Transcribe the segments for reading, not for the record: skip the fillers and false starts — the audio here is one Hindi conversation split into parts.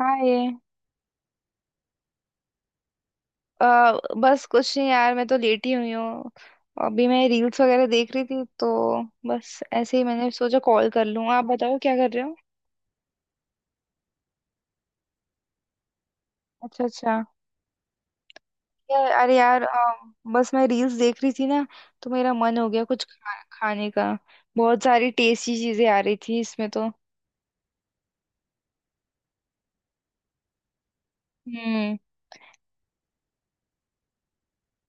हाँ ये अ, बस कुछ नहीं यार, मैं तो लेटी हुई हूँ। अभी मैं रील्स वगैरह देख रही थी तो बस ऐसे ही मैंने सोचा कॉल कर लूँ। आप बताओ क्या कर रहे हो? अच्छा अच्छा। यार अरे यार, बस मैं रील्स देख रही थी ना, तो मेरा मन हो गया कुछ खाने का। बहुत सारी टेस्टी चीजें आ रही थी इसमें तो। हम्म।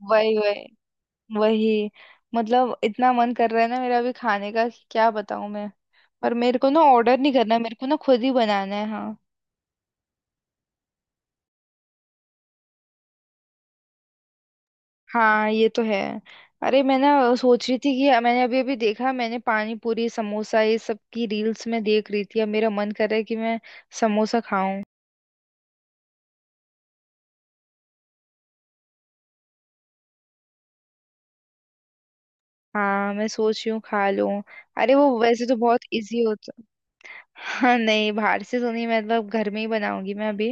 वही वही वही। मतलब इतना मन कर रहा है ना मेरा अभी खाने का कि क्या बताऊँ मैं। पर मेरे को ना ऑर्डर नहीं करना, मेरे को ना खुद ही बनाना है। हाँ। हाँ ये तो है। अरे मैं ना सोच रही थी कि मैंने अभी अभी देखा, मैंने पानी पूरी समोसा ये सब की रील्स में देख रही थी। अब मेरा मन कर रहा है कि मैं समोसा खाऊं। हाँ मैं सोच रही हूँ खा लूं। अरे वो वैसे तो बहुत इजी होता। हाँ नहीं बाहर से तो नहीं, मतलब घर में ही बनाऊंगी मैं अभी।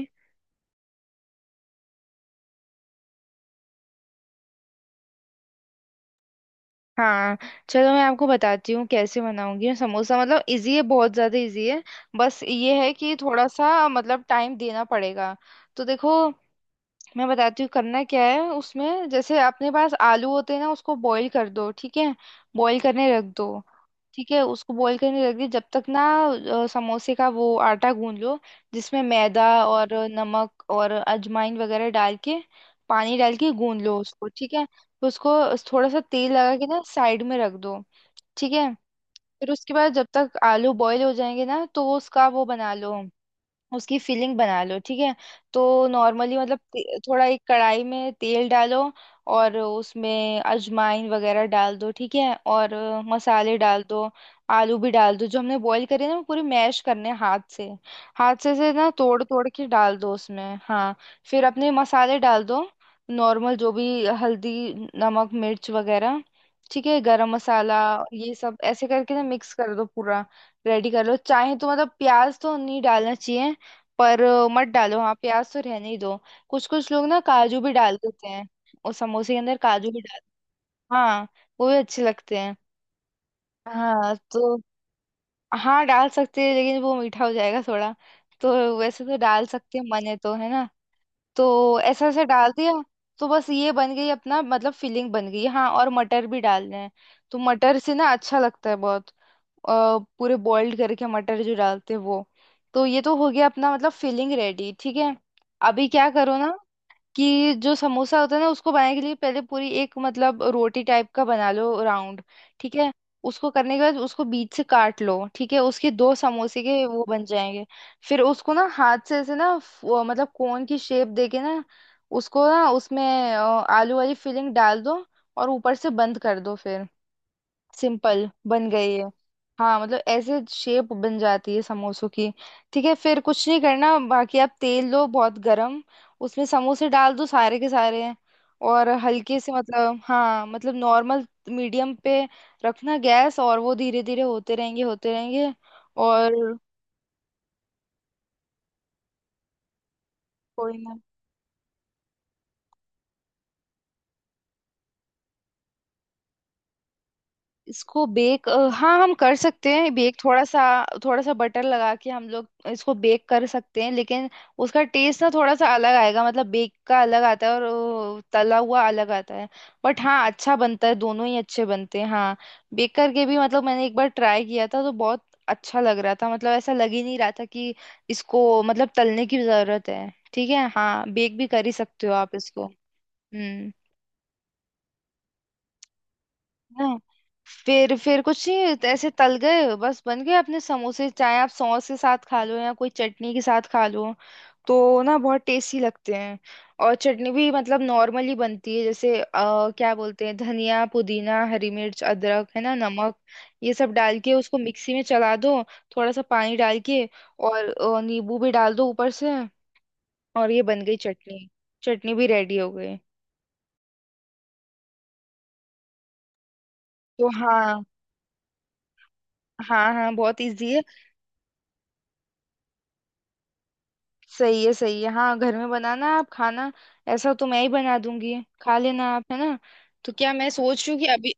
हाँ चलो मैं आपको बताती हूँ कैसे बनाऊंगी मैं समोसा। मतलब इजी है, बहुत ज्यादा इजी है। बस ये है कि थोड़ा सा मतलब टाइम देना पड़ेगा। तो देखो, मैं बताती हूँ करना क्या है उसमें। जैसे अपने पास आलू होते हैं ना, उसको बॉईल कर दो, ठीक है। बॉईल करने रख दो। ठीक है, उसको बॉईल करने रख दिया। जब तक ना समोसे का वो आटा गूंद लो, जिसमें मैदा और नमक और अजवाइन वगैरह डाल के, पानी डाल के गूंद लो उसको। ठीक है, फिर उसको थोड़ा सा तेल लगा के ना साइड में रख दो। ठीक है। फिर उसके बाद जब तक आलू बॉईल हो जाएंगे ना, तो वो उसका वो बना लो, उसकी फिलिंग बना लो। ठीक है, तो नॉर्मली मतलब थोड़ा एक कढ़ाई में तेल डालो और उसमें अजवाइन वगैरह डाल दो। ठीक है, और मसाले डाल दो, आलू भी डाल दो। जो हमने बॉईल करे ना, वो पूरी मैश करने हैं हाथ से। हाथ से ना तोड़ तोड़ के डाल दो उसमें। हाँ, फिर अपने मसाले डाल दो। नॉर्मल जो भी, हल्दी, नमक, मिर्च वगैरह, ठीक है, गरम मसाला। ये सब ऐसे करके ना मिक्स कर दो पूरा। रेडी कर लो। चाहे तो मतलब प्याज तो नहीं डालना चाहिए। पर मत डालो, हाँ प्याज तो रहने ही दो। कुछ कुछ लोग ना काजू भी डाल देते हैं, और समोसे के अंदर काजू भी डाल। हाँ वो भी अच्छे लगते हैं। हाँ तो हाँ डाल सकते हैं, लेकिन वो मीठा हो जाएगा थोड़ा। तो वैसे तो डाल सकते हैं, मन है तो है ना। तो ऐसा ऐसे डाल दिया। तो बस ये बन गई अपना मतलब फिलिंग बन गई। हाँ, और मटर भी डालने हैं। तो मटर से ना अच्छा लगता है बहुत। पूरे बॉइल्ड करके मटर जो डालते हैं, वो। तो ये तो हो गया अपना मतलब फिलिंग रेडी। ठीक है। अभी क्या करो ना, कि जो समोसा होता है ना उसको बनाने के लिए पहले पूरी एक मतलब रोटी टाइप का बना लो राउंड। ठीक है, उसको करने के बाद उसको बीच से काट लो। ठीक है, उसके दो समोसे के वो बन जाएंगे। फिर उसको ना हाथ से ऐसे ना, वो मतलब कोन की शेप देके ना, उसको ना उसमें अ, आलू वाली फिलिंग डाल दो, और ऊपर से बंद कर दो। फिर सिंपल बन गई है। हाँ मतलब ऐसे शेप बन जाती है समोसों की। ठीक है, फिर कुछ नहीं करना बाकी। आप तेल लो बहुत गरम, उसमें समोसे डाल दो सारे के सारे और हल्के से, मतलब हाँ मतलब नॉर्मल मीडियम पे रखना गैस। और वो धीरे धीरे होते रहेंगे, होते रहेंगे। और कोई इसको बेक, हाँ हम कर सकते हैं बेक। थोड़ा सा, थोड़ा सा बटर लगा के हम लोग इसको बेक कर सकते हैं, लेकिन उसका टेस्ट ना थोड़ा सा अलग आएगा। मतलब बेक का अलग आता है और तला हुआ अलग आता है। बट हाँ अच्छा बनता है, दोनों ही अच्छे बनते हैं। हाँ बेक करके भी, मतलब मैंने एक बार ट्राई किया था तो बहुत अच्छा लग रहा था, मतलब ऐसा लग ही नहीं रहा था कि इसको मतलब तलने की जरूरत है। ठीक है, हाँ बेक भी कर ही सकते हो आप इसको। हम्म। हैं। फिर कुछ नहीं, ऐसे तल गए बस बन गए अपने समोसे। चाहे आप सॉस के साथ खा लो, या कोई चटनी के साथ खा लो, तो ना बहुत टेस्टी लगते हैं। और चटनी भी मतलब नॉर्मली बनती है, जैसे क्या बोलते हैं, धनिया, पुदीना, हरी मिर्च, अदरक है ना, नमक। ये सब डाल के उसको मिक्सी में चला दो, थोड़ा सा पानी डाल के, और नींबू भी डाल दो ऊपर से। और ये बन गई चटनी। चटनी भी रेडी हो गई। तो हाँ, हाँ हाँ बहुत इजी है। सही है, सही है। हाँ घर में बनाना, आप खाना। ऐसा तो मैं ही बना दूंगी, खा लेना आप है ना। तो क्या, मैं सोच रही हूँ कि अभी,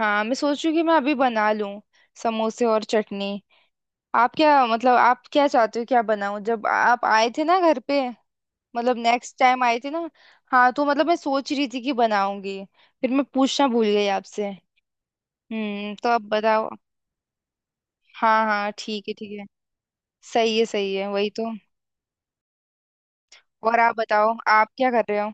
हाँ मैं सोच रही हूँ कि मैं अभी बना लूँ समोसे और चटनी। आप क्या, मतलब आप क्या चाहते हो, क्या बनाऊँ? जब आप आए थे ना घर पे, मतलब नेक्स्ट टाइम आए थे ना, हाँ तो मतलब मैं सोच रही थी कि बनाऊंगी, फिर मैं पूछना भूल गई आपसे। हम्म, तो आप बताओ। हाँ हाँ, ठीक है ठीक है। सही है, सही है, वही तो। और आप बताओ, आप क्या कर रहे हो?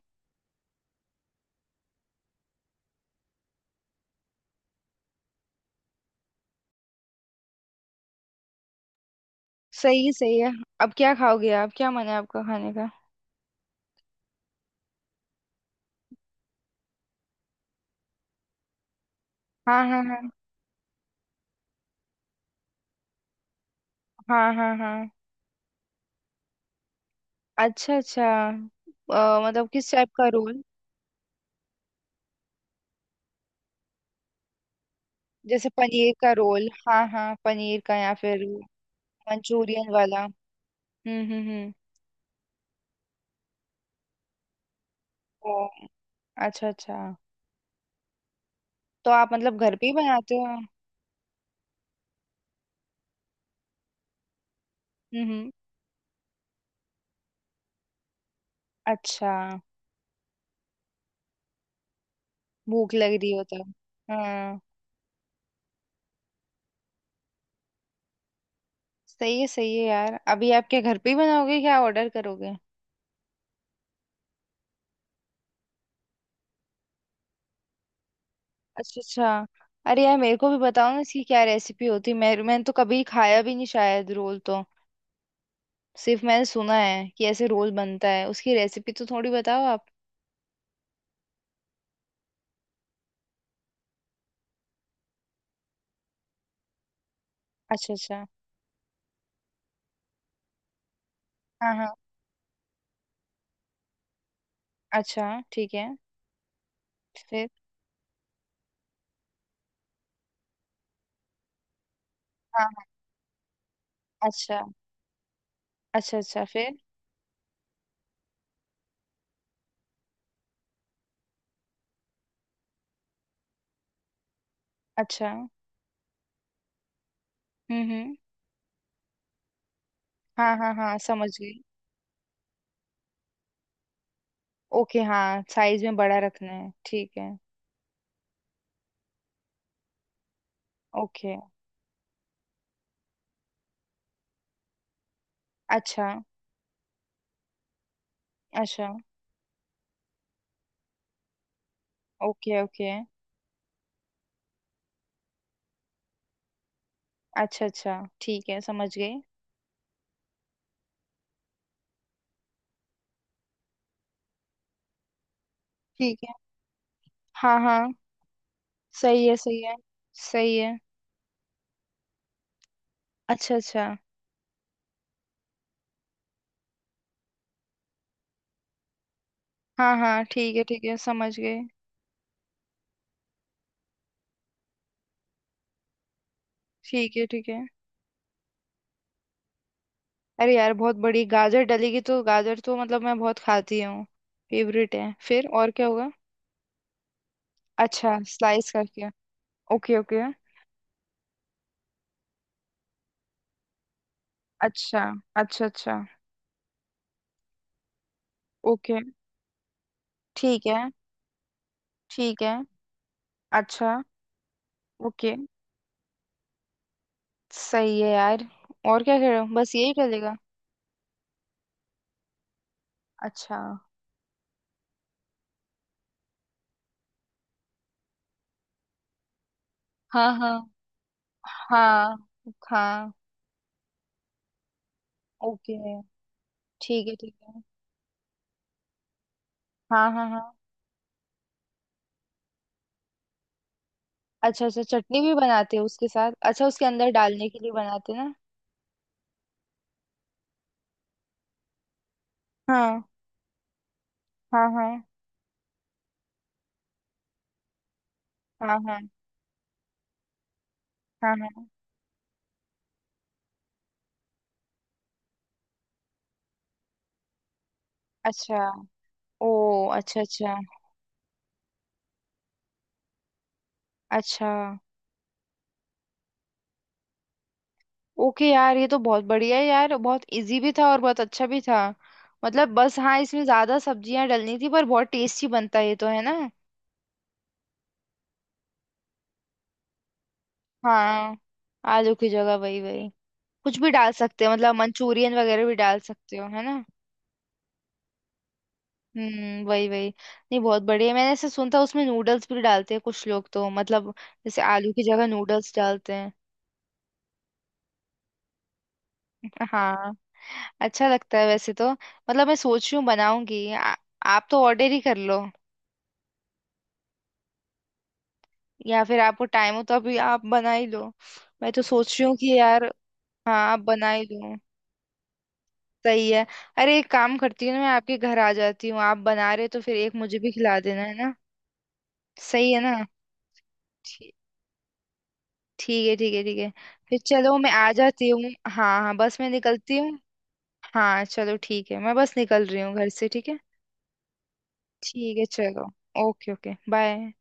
सही, सही है। अब क्या खाओगे, आप क्या मन है आपका खाने का? हाँ हाँ हाँ। हाँ हाँ हाँ। अच्छा अच्छा, मतलब किस टाइप का रोल? जैसे पनीर का रोल? हाँ हाँ, पनीर का या फिर मंचूरियन वाला। हम्म। ओ, अच्छा अच्छा। तो आप मतलब घर पे ही बनाते हो? हम्म। अच्छा, भूख लग रही हो तब। हाँ। सही है, सही है यार। अभी आप क्या घर पे ही बनाओगे, क्या ऑर्डर करोगे? अच्छा अच्छा। अरे यार मेरे को भी बताओ ना, इसकी क्या रेसिपी होती। मैं, मैंने तो कभी खाया भी नहीं शायद रोल तो। सिर्फ मैंने सुना है कि ऐसे रोल बनता है, उसकी रेसिपी तो थोड़ी बताओ आप। अच्छा अच्छा। हाँ हाँ। अच्छा ठीक है फिर। हाँ हाँ, अच्छा अच्छा अच्छा फिर। अच्छा। हम्म। हाँ हाँ हाँ, समझ गई। ओके, हाँ साइज में बड़ा रखना है, ठीक है। ओके। अच्छा अच्छा। Okay okay. अच्छा अच्छा, ठीक है, समझ गई। ठीक है। हाँ हाँ। सही है, सही है, सही है। अच्छा अच्छा। हाँ हाँ, ठीक है ठीक है, समझ गए। ठीक है, ठीक है। अरे यार बहुत बड़ी गाजर डलेगी तो। गाजर तो मतलब मैं बहुत खाती हूँ, फेवरेट है। फिर और क्या होगा? अच्छा, स्लाइस करके। Okay okay. अच्छा अच्छा अच्छा। ओके, ठीक है ठीक है। अच्छा। ओके। सही है यार। और क्या कह रहे हो, बस यही चलेगा? अच्छा। हाँ हाँ हाँ हाँ। ओके, ठीक है ठीक है। हाँ हाँ हाँ। अच्छा अच्छा, चटनी भी बनाते हो उसके साथ? अच्छा, उसके अंदर डालने के लिए बनाते ना। हाँ। हाँ हाँ। हाँ हाँ हाँ हाँ। अच्छा। ओ, अच्छा अच्छा। अच्छा। ओके यार, ये तो बहुत बढ़िया है यार, बहुत इजी भी था और बहुत अच्छा भी था। मतलब बस हाँ, इसमें ज्यादा सब्जियां डलनी थी, पर बहुत टेस्टी बनता है, ये तो है ना। हाँ, आलू की जगह, वही वही। कुछ भी डाल सकते हो, मतलब मंचूरियन वगैरह भी डाल सकते हो, है ना। हम्म, वही वही। नहीं बहुत बढ़िया, मैंने ऐसे सुनता उसमें नूडल्स भी डालते हैं कुछ लोग, तो मतलब जैसे आलू की जगह नूडल्स डालते हैं। हाँ, अच्छा लगता है वैसे तो। मतलब मैं सोच रही हूँ बनाऊंगी। आप तो ऑर्डर ही कर लो, या फिर आपको टाइम हो तो अभी आप बना ही लो। मैं तो सोच रही हूँ कि यार, हाँ आप बना ही लो। सही है। अरे एक काम करती हूँ ना, मैं आपके घर आ जाती हूँ। आप बना रहे हो तो फिर एक मुझे भी खिला देना है ना। सही है ना। ठीक है ठीक है ठीक है। फिर चलो मैं आ जाती हूँ। हाँ हाँ, बस मैं निकलती हूँ। हाँ चलो ठीक है, मैं बस निकल रही हूँ घर से, ठीक है। ठीक है चलो। Okay okay, bye.